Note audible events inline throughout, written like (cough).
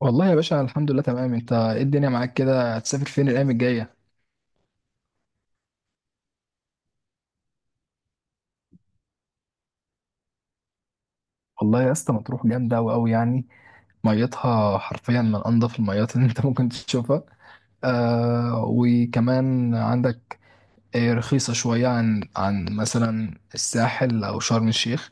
والله يا باشا، الحمد لله تمام. انت ايه الدنيا معاك كده؟ هتسافر فين الايام الجايه؟ والله يا اسطى مطروح جامده، قوي يعني. ميتها حرفيا من انضف الميات (laughs) اللي انت ممكن تشوفها. آه وكمان عندك، آه، رخيصه شويه عن مثلا الساحل او شرم الشيخ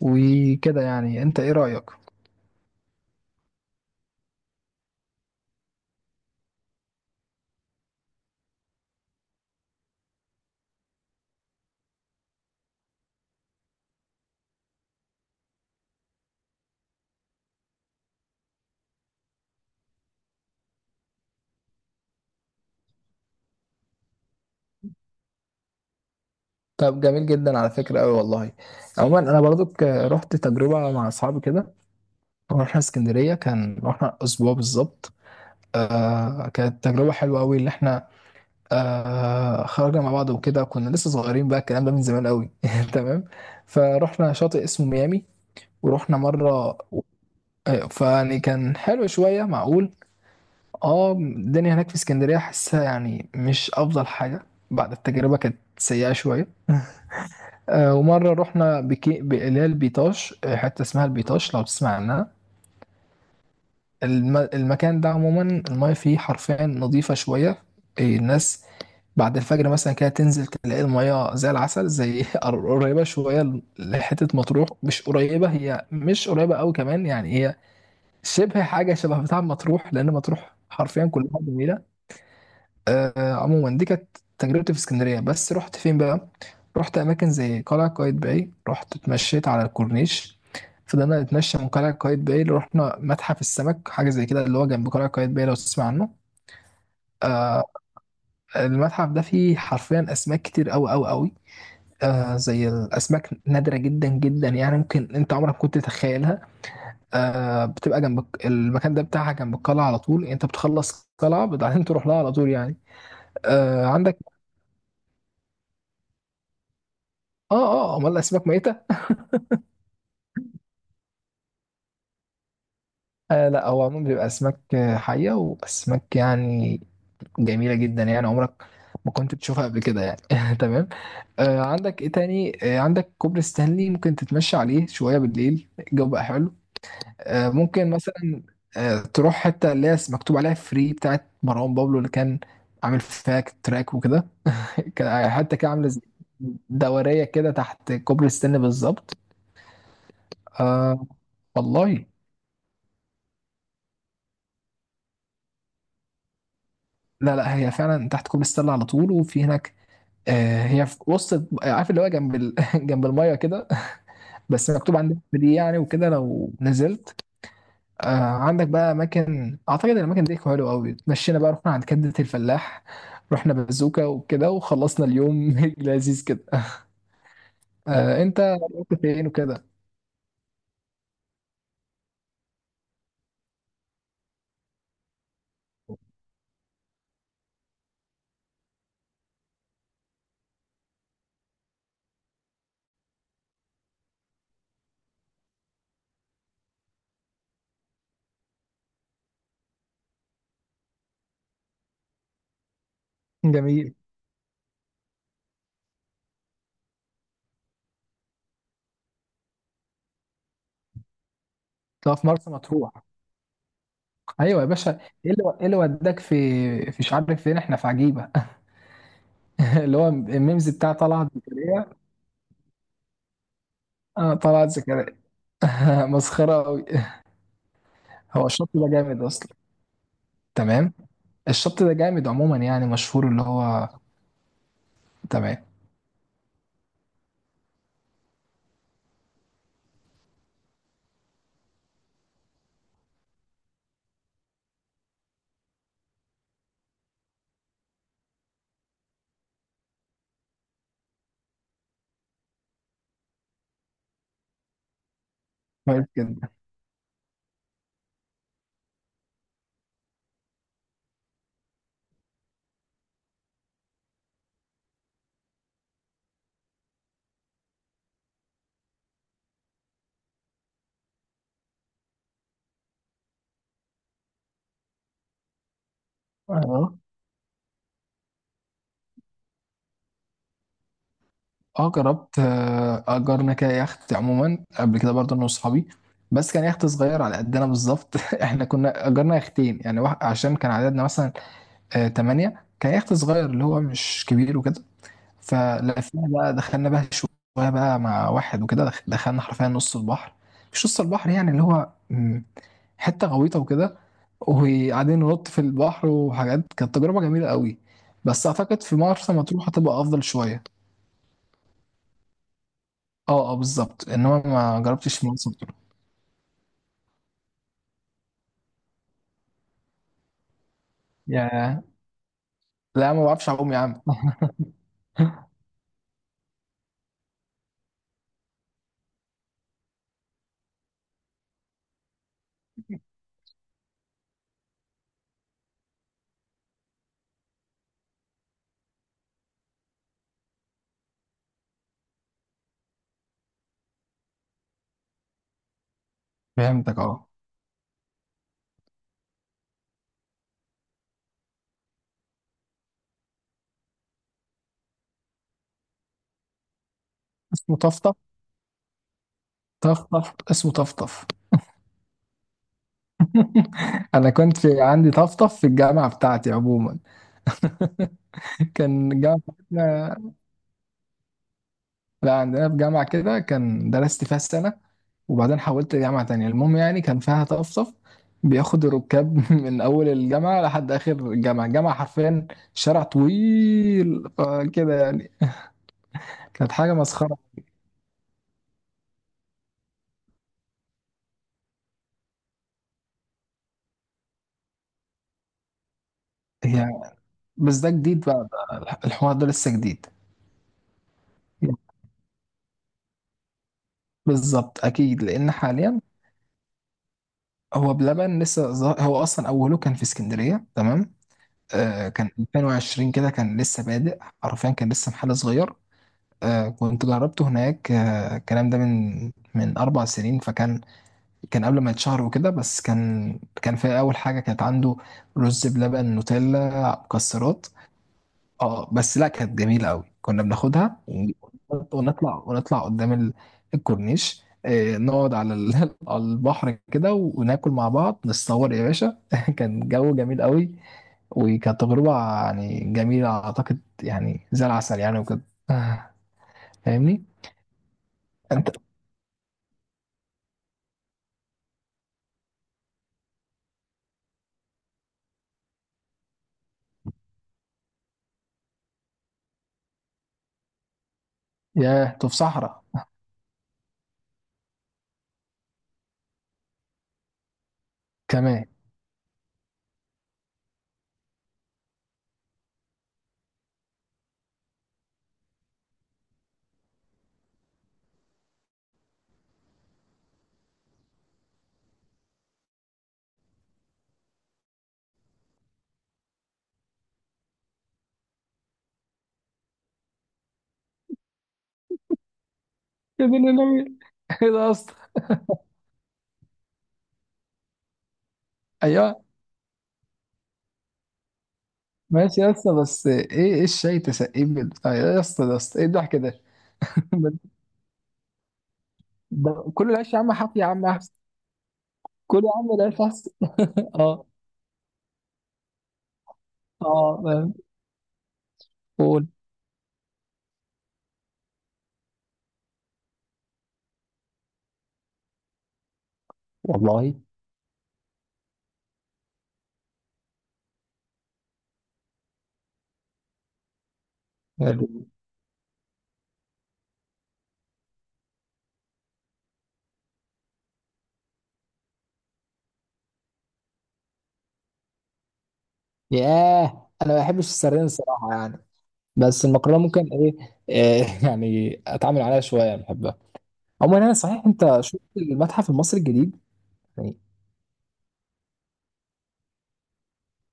وكده. يعني انت ايه رايك؟ طب جميل جدا على فكرة، أوي والله. عموما أنا برضو رحت تجربة مع أصحابي كده. رحنا اسكندرية، كان رحنا أسبوع بالظبط. آه كانت تجربة حلوة أوي، اللي إحنا آه خرجنا مع بعض وكده. كنا لسه صغيرين، بقى الكلام ده من زمان قوي. (laughs) تمام. فروحنا شاطئ اسمه ميامي، ورحنا مرة. آه، فيعني كان حلو شوية معقول. اه الدنيا هناك في اسكندرية حاسها يعني مش أفضل حاجة، بعد التجربة كانت سيئة شوية. آه ومرة رحنا اللي هي البيطاش، آه، حتة اسمها البيطاش لو تسمع عنها. المكان ده عموما، المايه فيه حرفيا نظيفة شوية. آه، الناس بعد الفجر مثلا كده تنزل تلاقي المية زي العسل، زي (laughs) قريبة شوية لحتة مطروح. مش قريبة، هي مش قريبة أوي كمان يعني. هي شبه حاجة شبه بتاع مطروح، لأن مطروح حرفيا كلها جميلة. آه، عموما دي كانت تجربتي في اسكندرية. بس رحت فين بقى؟ رحت أماكن زي قلعة قايتباي، رحت اتمشيت على الكورنيش. فضلنا نتمشى من قلعة قايتباي، رحنا متحف السمك، حاجة زي كده اللي هو جنب قلعة قايتباي لو تسمع عنه. آه، المتحف ده فيه حرفيا أسماك كتير أوي أوي أوي. آه زي الأسماك نادرة جدا جدا يعني، ممكن أنت عمرك كنت تتخيلها. آه بتبقى جنب المكان ده بتاعها جنب القلعة على طول يعني. أنت بتخلص قلعة بعدين تروح لها على طول يعني. آه عندك. آه، أمال الأسماك ميتة؟ آه لا، هو عموما بيبقى أسماك آه، حية وأسماك يعني جميلة جدا. يعني عمرك ما كنت تشوفها قبل كده يعني. (laughs) تمام. آه عندك إيه تاني؟ آه عندك كوبري ستانلي، ممكن تتمشى عليه شوية بالليل، الجو بقى حلو. آه، ممكن مثلا آه، تروح حتة اللي هي مكتوب عليها فري، بتاعت مروان بابلو اللي كان عامل فيها تراك وكده. (laughs) كان حتى كده عاملة زي دورية كده تحت كوبري ستانلي بالظبط. آه والله، لا هي فعلا تحت كوبري ستانلي على طول، وفي هناك آه، هي في وسط، عارف اللي هو جنب ال... (laughs) جنب المية كده. (laughs) بس مكتوب عندها فري يعني، وكده لو نزلت. آه عندك بقى اماكن، اعتقد الاماكن دي حلوه قوي. اتمشينا بقى، رحنا عند كبده الفلاح، رحنا بازوكا وكده، وخلصنا اليوم (laughs) لذيذ كده. آه انت رحت فين وكده؟ جميل. طب في مرسى مطروح؟ ايوه يا باشا، ايه اللي وداك في مش عارف فين، احنا في عجيبه؟ (laughs) اللي هو الميمز بتاع طلعت زكريا. اه طلعت زكريا. (laughs) مسخره قوي. هو الشط ده جامد اصلا. تمام. الشط ده جامد عموما يعني، مشهور اللي هو. تمام، كويس جدا. اه. اه جربت، آه، اجرنا كده يخت عموما قبل كده برضه انا واصحابي، بس كان يخت صغير على قدنا بالظبط. (laughs) احنا كنا اجرنا يختين يعني، واحد عشان كان عددنا مثلا آه، 8. كان يخت صغير اللي هو مش كبير وكده. فلفينا بقى، دخلنا بقى شوية بقى مع واحد وكده، دخلنا حرفيا نص البحر. مش نص البحر يعني، اللي هو حتة غويطة وكده، وقاعدين ننط في البحر وحاجات. كانت تجربة جميلة قوي. بس اعتقد في مرسى مطروح هتبقى افضل شوية. اه اه بالظبط، انما ما جربتش مرسى مطروح. يا لا، ما بعرفش اعوم يا عم. فهمتك اه. اسمه طفطف. طفطف، اسمه طفطف. (laughs) انا كنت عندي طفطف في الجامعه بتاعتي عموما. (laughs) كان الجامعه بتاعتنا. لا عندنا في جامعه كده كان درست فيها السنه، وبعدين حولت لجامعه تانية. المهم يعني كان فيها طفطف، بياخد الركاب (laughs) من اول الجامعه لحد اخر الجامعه. الجامعه حرفيا شارع طويل آه، كده يعني. كانت حاجه مسخره. هي بس ده جديد بقى، بقى الحوار ده لسه جديد. بالظبط، اكيد لان حاليا هو بلبن لسه هو اصلا اوله كان في اسكندريه. تمام، آه كان 2020 كده، كان لسه بادئ حرفيا، كان لسه محل صغير. آه كنت جربته هناك. آه الكلام ده من 4 سنين، فكان كان قبل ما يتشهر وكده. بس كان في اول حاجه كانت عنده رز بلبن نوتيلا مكسرات. اه بس لا، كانت جميله قوي. كنا ونطلع قدام الكورنيش، آه، نقعد على (laughs) على البحر كده، وناكل مع بعض، نتصور يا باشا. (laughs) كان جو جميل قوي، وكانت تجربه يعني جميله، اعتقد يعني زي العسل يعني وكده. (laughs) آه، فاهمني؟ انت يا في صحراء كمان؟ (laughs) يا دين النبي. (laughs) ايه ده يا اسطى؟ ايوه. ماشي يا اسطى، بس ايه الشاي تسقيه آه، يا اسطى يا اسطى ايه الضحك ده؟ (laughs) ده كل العيش يا عم حافي يا عم. كل يا عم العيش احسن. (laughs) اه. اه فاهم. قول. والله حلو. ياه، انا ما بحبش السردين الصراحه يعني، بس المكرونه ممكن ايه, إيه. (laughs) يعني اتعامل عليها شويه بحبها. عموما انا صحيح، انت شفت المتحف المصري الجديد؟ يعني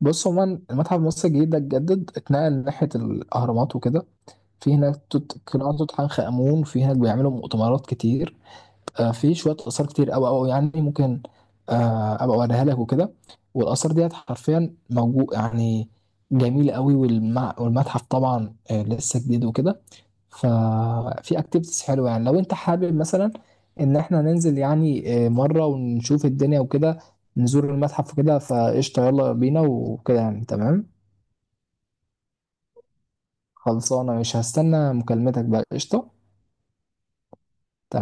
بص، عموما المتحف المصري الجديد ده اتجدد، اتنقل ناحيه الاهرامات وكده. في هناك قناع توت عنخ امون. في هناك بيعملوا مؤتمرات كتير، آه، في شويه اثار كتير قوي قوي يعني. ممكن آه، ابقى اوريها لك وكده. والاثار ديت حرفيا موجود يعني، جميله قوي. والمتحف طبعا آه، لسه جديد وكده. ففي اكتيفيتيز حلوه، يعني لو انت حابب مثلا ان احنا ننزل يعني آه، مره ونشوف الدنيا وكده، نزور المتحف وكده. فقشطه يلا بينا وكده يعني، تمام. خلصانه، مش هستنى مكالمتك بقى، قشطه.